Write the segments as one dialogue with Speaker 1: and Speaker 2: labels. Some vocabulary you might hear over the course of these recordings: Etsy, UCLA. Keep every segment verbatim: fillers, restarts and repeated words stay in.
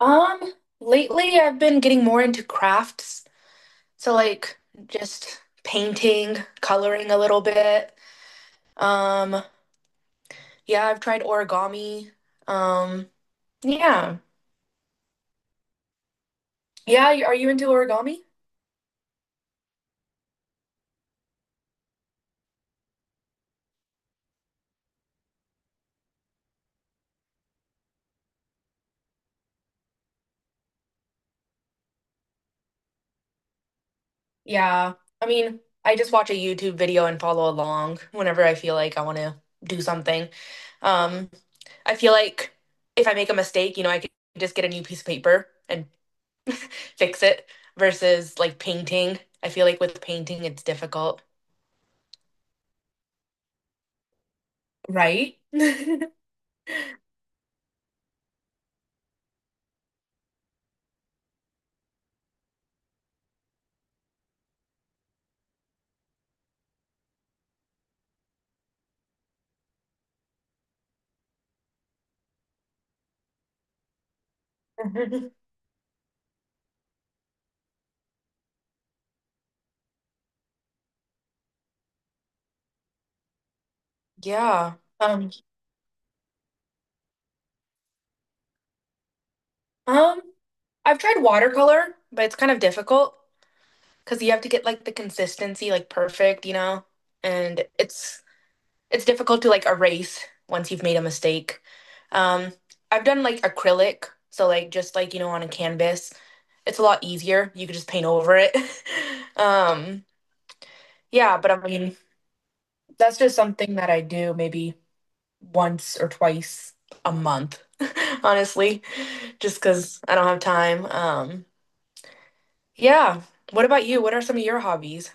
Speaker 1: Um, Lately I've been getting more into crafts. So like just painting, coloring a little bit. Um, yeah, I've tried origami. Um, yeah. Yeah, y- are you into origami? Yeah. I mean, I just watch a YouTube video and follow along whenever I feel like I want to do something. Um, I feel like if I make a mistake, you know, I could just get a new piece of paper and fix it versus like painting. I feel like with painting it's difficult. Right? Yeah. Um, um, I've tried watercolor, but it's kind of difficult because you have to get like the consistency like perfect, you know? And it's it's difficult to like erase once you've made a mistake. Um, I've done like acrylic, so like just like, you know, on a canvas. It's a lot easier. You could just paint over it. Um, yeah, but I mean, that's just something that I do maybe once or twice a month, honestly, just because I don't have time. Um, yeah. What about you? What are some of your hobbies?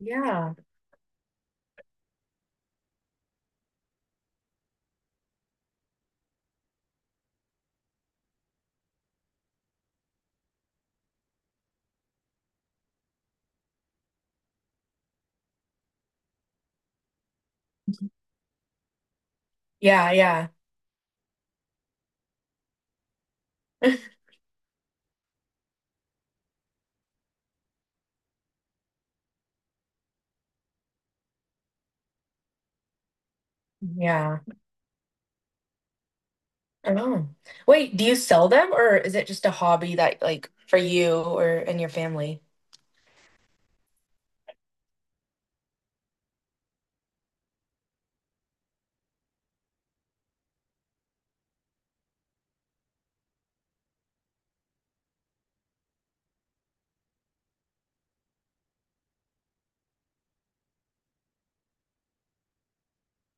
Speaker 1: Yeah. Yeah, yeah. Yeah. Oh. Wait, do you sell them or is it just a hobby that like for you or and your family?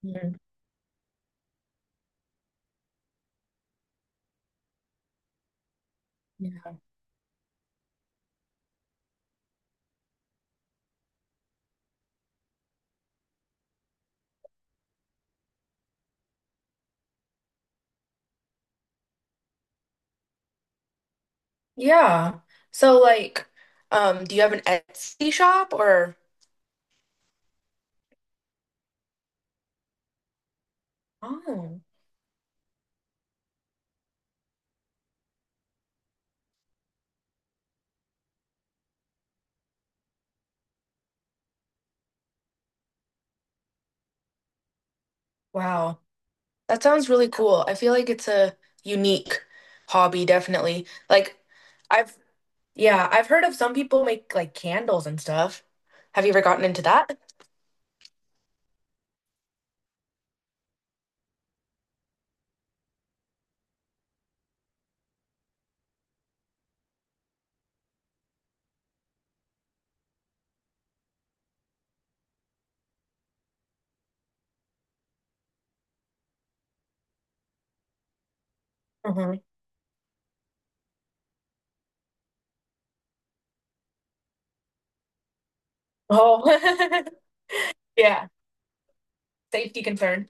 Speaker 1: Mhm. Yeah. Yeah. So like, um, do you have an Etsy shop or? Oh, wow. That sounds really cool. I feel like it's a unique hobby, definitely. Like, I've, yeah, I've heard of some people make like candles and stuff. Have you ever gotten into that? Hmm. Oh, yeah. Safety concern.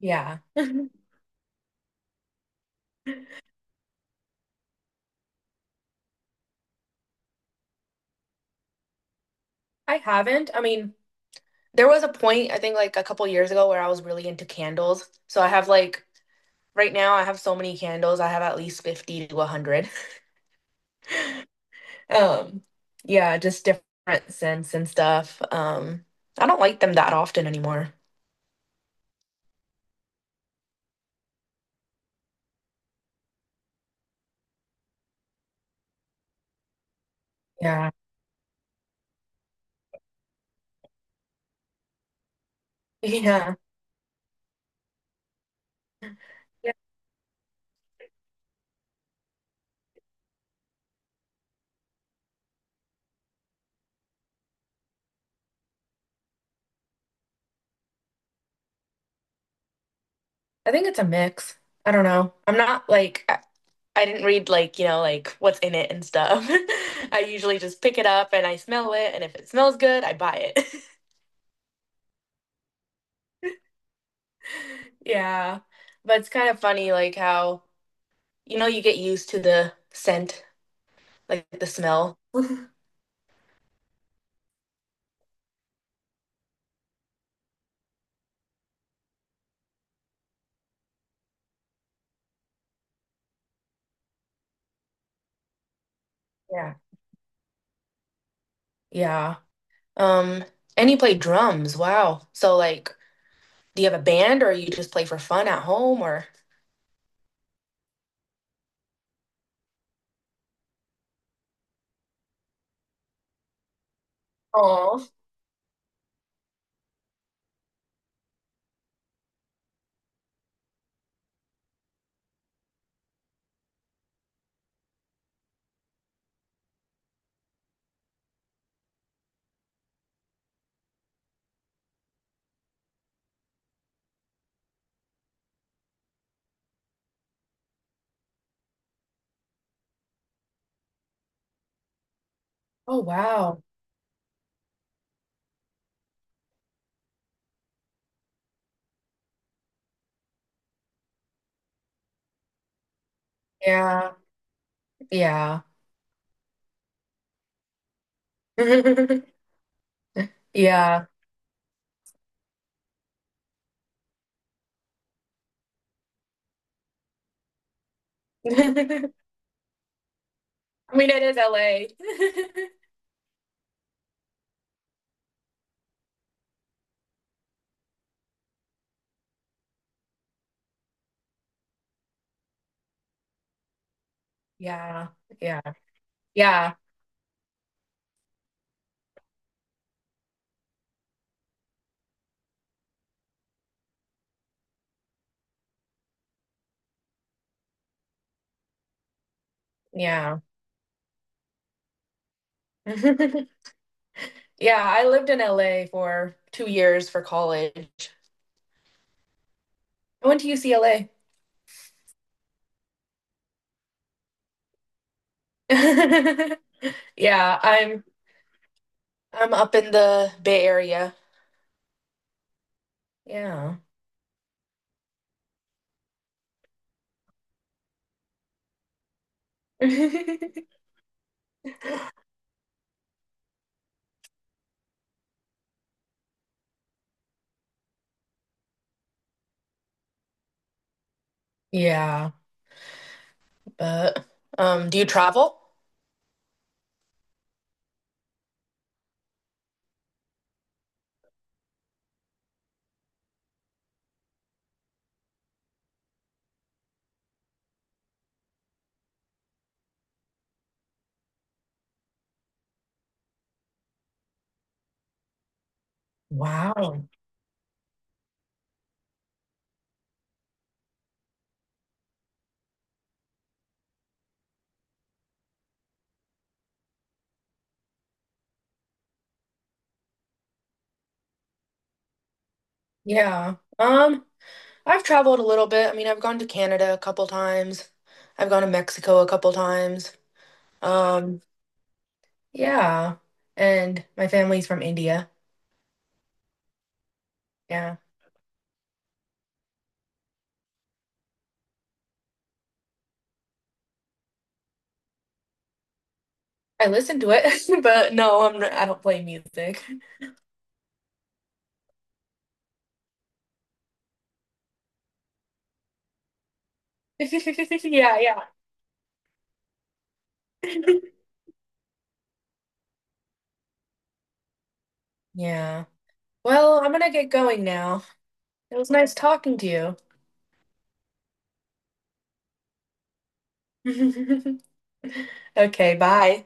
Speaker 1: Yeah. I haven't. I mean, there was a point, I think like a couple years ago, where I was really into candles. So I have like, right now, I have so many candles. I have at least fifty to a hundred. Um, yeah, just different scents and stuff. Um, I don't like them that often anymore. Yeah. Yeah. Yeah. I think it's a mix. I don't know. I'm not like I, I didn't read like, you know, like what's in it and stuff. I usually just pick it up and I smell it, and if it smells good, I buy it. Yeah. But it's kind of funny like how, you know, you get used to the scent, like the smell. Yeah. Yeah. Um, and you play drums. Wow. So like do you have a band or you just play for fun at home or? Oh, oh wow. Yeah. Yeah. Yeah. I mean, it is L A. Yeah. Yeah. Yeah. Yeah. Yeah, I lived in L A for two years for college. I went to U C L A. Yeah, I'm I'm up in the Bay Area. Yeah. Yeah, but um, do you travel? Wow. Yeah. Um, I've traveled a little bit. I mean, I've gone to Canada a couple times. I've gone to Mexico a couple times. Um, yeah. And my family's from India. Yeah. I listen to it, but no, I'm not, I don't play music. Yeah, yeah. Yeah. Well, I'm gonna get going now. It was nice talking to you. Okay, bye.